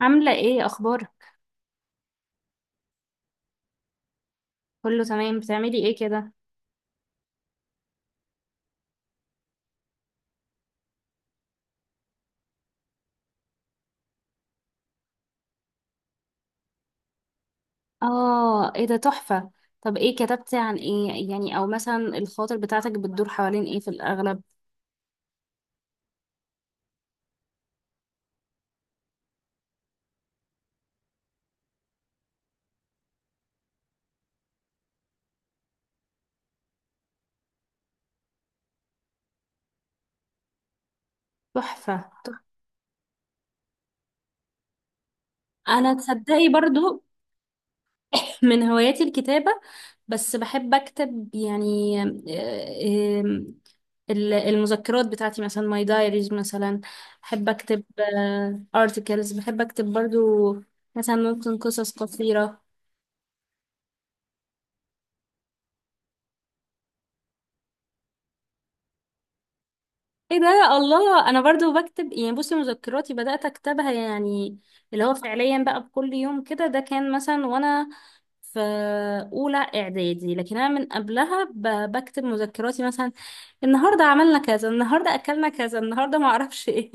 عاملة ايه؟ اخبارك؟ كله تمام. بتعملي ايه كده؟ اه، ايه ده؟ تحفة. طب ايه كتبتي؟ عن ايه يعني؟ او مثلا الخاطر بتاعتك بتدور حوالين ايه في الاغلب؟ تحفة، تحفة. انا تصدقي برضو من هواياتي الكتابة، بس بحب اكتب يعني. آه، آم، المذكرات بتاعتي مثلا، ماي دايريز مثلا، بحب اكتب. ارتكلز بحب اكتب برضو، مثلا ممكن قصص قصيرة. ايه ده! الله، انا برضو بكتب يعني. بصي، مذكراتي بدأت اكتبها يعني، اللي هو فعليا بقى بكل يوم كده، ده كان مثلا وانا في اولى اعدادي، لكن انا من قبلها بكتب مذكراتي مثلا. النهارده عملنا كذا، النهارده اكلنا كذا، النهارده ما اعرفش ايه.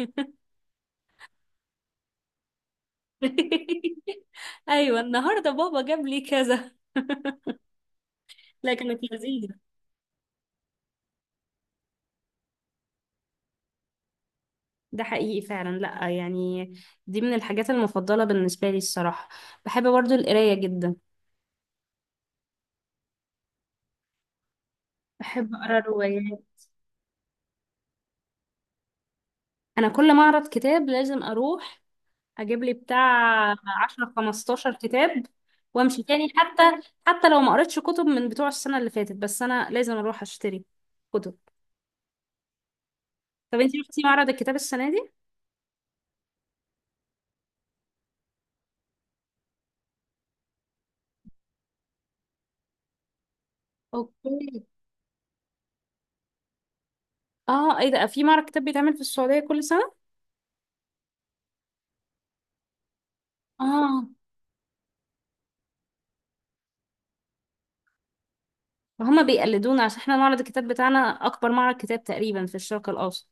ايوه، النهارده بابا جاب لي كذا. لا، كانت لذيذه. ده حقيقي فعلا، لا يعني دي من الحاجات المفضله بالنسبه لي الصراحه. بحب برضو القرايه جدا، بحب اقرا روايات. انا كل معرض كتاب لازم اروح اجيب لي بتاع 10 15 كتاب وامشي تاني، حتى لو ما قريتش كتب من بتوع السنة اللي فاتت، بس انا لازم اروح اشتري كتب. طب انتي رحتي معرض الكتاب السنة دي؟ اوكي. اه، ايه ده؟ في معرض كتاب بيتعمل في السعودية كل سنة؟ اه، هما بيقلدونا عشان احنا معرض الكتاب بتاعنا اكبر معرض كتاب تقريبا في الشرق الاوسط.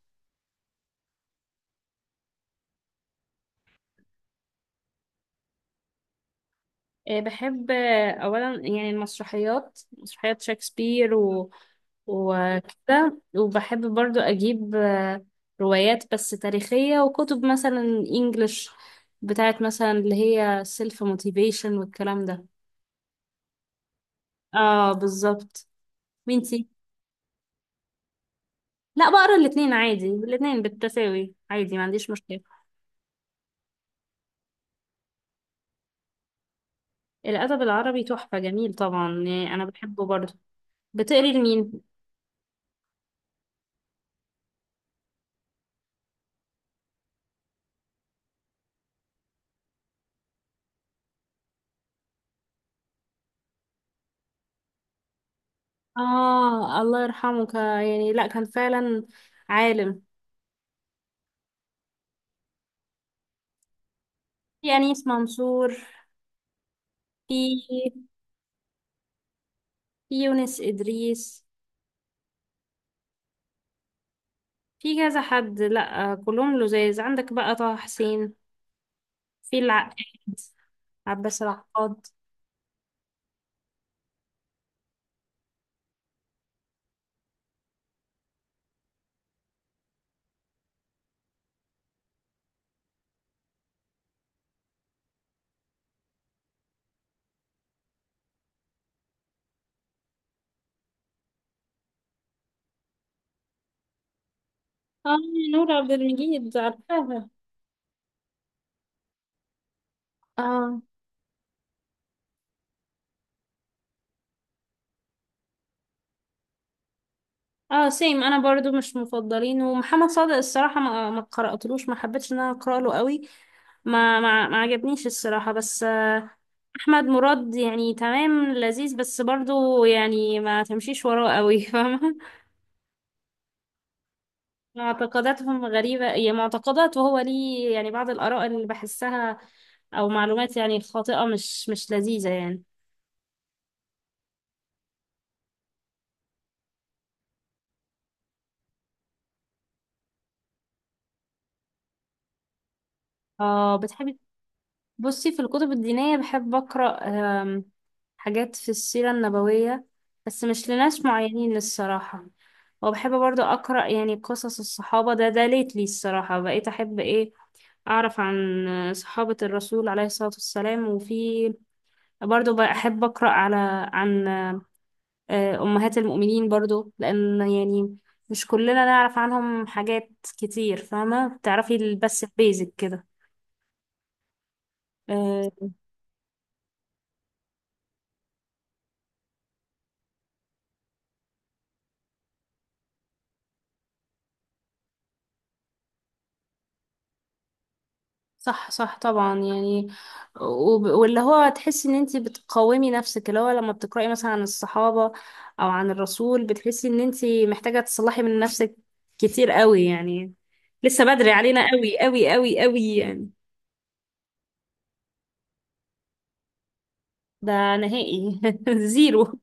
بحب أولا يعني المسرحيات، مسرحيات شكسبير، وكده، وبحب برضو أجيب روايات بس تاريخية، وكتب مثلا إنجلش بتاعت مثلا اللي هي سيلف موتيفيشن والكلام ده. اه، بالظبط. وانتي؟ لا، بقرا الاتنين عادي، الاتنين بالتساوي عادي، ما عنديش مشكلة. الأدب العربي تحفة، جميل طبعا يعني، أنا بحبه برضو. بتقري لمين؟ الله يرحمه، يعني لا، كان فعلا عالم. في أنيس منصور، في في يونس إدريس، في كذا حد. لا كلهم لزاز. عندك بقى طه حسين، في العقاد، عباس العقاد. اه، نور عبد المجيد، عارفاها. اه، اه، سيم، انا برضو مش مفضلين. ومحمد صادق الصراحة ما قرأتلوش، ما حبيتش ان انا اقرأ له قوي، ما عجبنيش الصراحة بس. احمد مراد يعني تمام، لذيذ، بس برضو يعني ما تمشيش وراه قوي، فاهمه. معتقداتهم غريبه، هي معتقدات وهو ليه يعني، بعض الاراء اللي بحسها او معلومات يعني خاطئه، مش لذيذه يعني. اه، بتحبي. بصي، في الكتب الدينيه بحب اقرا آم، حاجات في السيره النبويه، بس مش لناس معينين الصراحه. وبحب برضو اقرا يعني قصص الصحابه. ده ليتلي الصراحه بقيت احب ايه، أعرف عن صحابة الرسول عليه الصلاة والسلام. وفي برضو بحب أقرأ عن أمهات المؤمنين برضو، لأن يعني مش كلنا نعرف عنهم حاجات كتير، فاهمة؟ بتعرفي بس البيزك كده آه، صح، صح، طبعا يعني. واللي هو تحسي ان انتي بتقاومي نفسك، اللي هو لما بتقرأي مثلا عن الصحابة او عن الرسول بتحسي ان انتي محتاجة تصلحي من نفسك كتير قوي يعني، لسه بدري علينا قوي، قوي، قوي، قوي يعني. ده نهائي زيرو.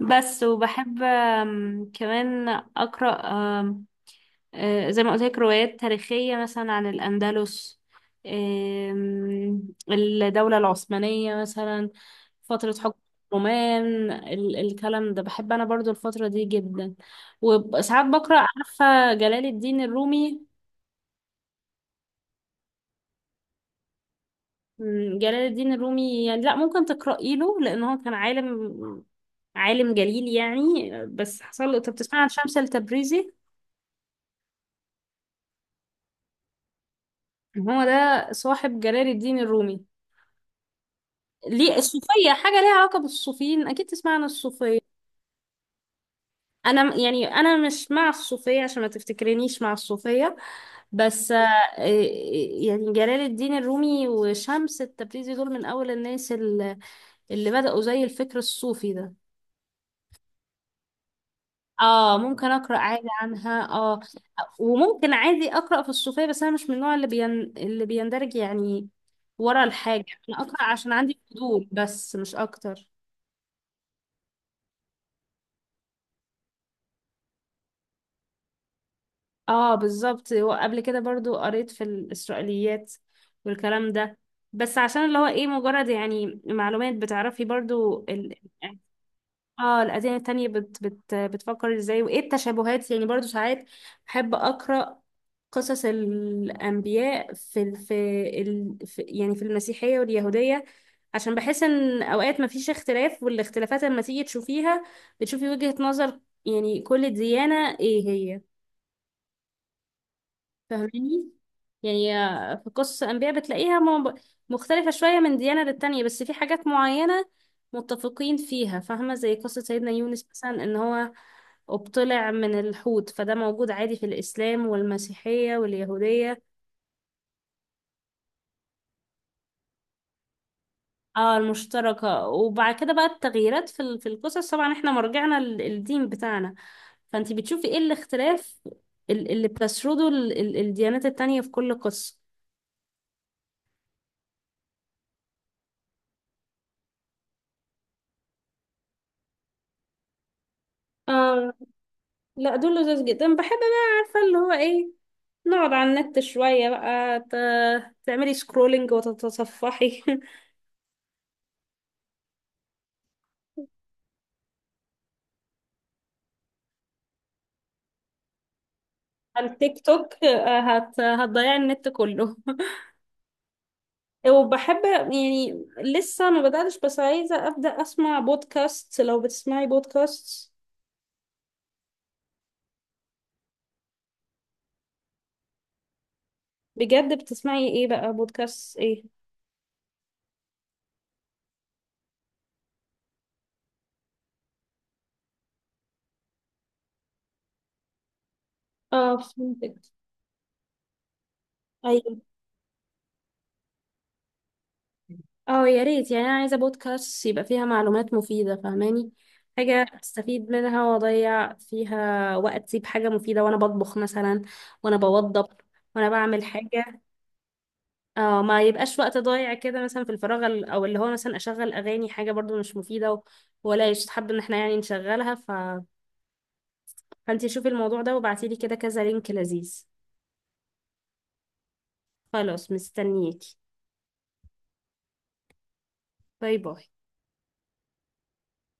بس، وبحب كمان أقرأ آم، آه، زي ما قلت لك روايات تاريخية مثلا عن الأندلس آم، الدولة العثمانية مثلا، فترة حكم الرومان، الكلام ده بحب أنا برضو الفترة دي جدا. وساعات بقرأ، عارفة جلال الدين الرومي؟ جلال الدين الرومي يعني، لا، ممكن تقرأي له، لأن هو كان عالم، عالم جليل يعني، بس حصل له. طب تسمع عن شمس التبريزي؟ هو ده صاحب جلال الدين الرومي. ليه الصوفية حاجة ليها علاقة بالصوفيين، أكيد تسمع عن الصوفية. أنا يعني أنا مش مع الصوفية، عشان ما تفتكرنيش مع الصوفية، بس يعني جلال الدين الرومي وشمس التبريزي دول من أول الناس اللي بدأوا زي الفكر الصوفي ده. اه، ممكن اقرا عادي عنها، اه، وممكن عادي اقرا في الصوفيه، بس انا مش من النوع اللي بيندرج يعني ورا الحاجه. انا اقرا عشان عندي فضول بس، مش اكتر. اه، بالظبط. وقبل كده برضو قريت في الاسرائيليات والكلام ده، بس عشان اللي هو ايه، مجرد يعني معلومات، بتعرفي برضو اه، الأديان التانية بت بت بتفكر ازاي، وايه التشابهات يعني. برضو ساعات بحب أقرأ قصص الأنبياء في ال... في, ال... في يعني في المسيحية واليهودية، عشان بحس ان اوقات مفيش اختلاف، والاختلافات لما تيجي تشوفيها بتشوفي وجهة نظر يعني كل ديانة ايه هي، فاهماني؟ يعني في قصص الأنبياء بتلاقيها مختلفة شوية من ديانة للتانية، بس في حاجات معينة متفقين فيها، فاهمة؟ زي قصة سيدنا يونس مثلا، إن هو ابتلع من الحوت، فده موجود عادي في الإسلام والمسيحية واليهودية. اه، المشتركة. وبعد كده بقى التغييرات في القصص، طبعا احنا مرجعنا الدين بتاعنا، فانتي بتشوفي ايه الاختلاف اللي بتسرده الديانات التانية في كل قصة. اه، لا، دول لذيذ جدا. بحب بقى، عارفة اللي هو ايه، نقعد على النت شوية بقى، تعملي سكرولينج وتتصفحي على التيك توك. هتضيعي النت كله. وبحب يعني، لسه ما بدأتش بس عايزة أبدأ أسمع بودكاست. لو بتسمعي بودكاست بجد، بتسمعي ايه بقى؟ بودكاست ايه؟ اه، فهمتك. اه، يا ريت يعني، انا عايزه بودكاست يبقى فيها معلومات مفيده، فاهماني؟ حاجه استفيد منها واضيع فيها وقتي بحاجه مفيده وانا بطبخ مثلا، وانا بوضب، وانا بعمل حاجه. اه، ما يبقاش وقت ضايع كده مثلا في الفراغ، او اللي هو مثلا اشغل اغاني، حاجه برضو مش مفيده، ولا يستحب ان احنا يعني نشغلها. فانتي شوفي الموضوع ده وابعتيلي كده كذا لينك لذيذ. خلاص، مستنياكي. باي باي.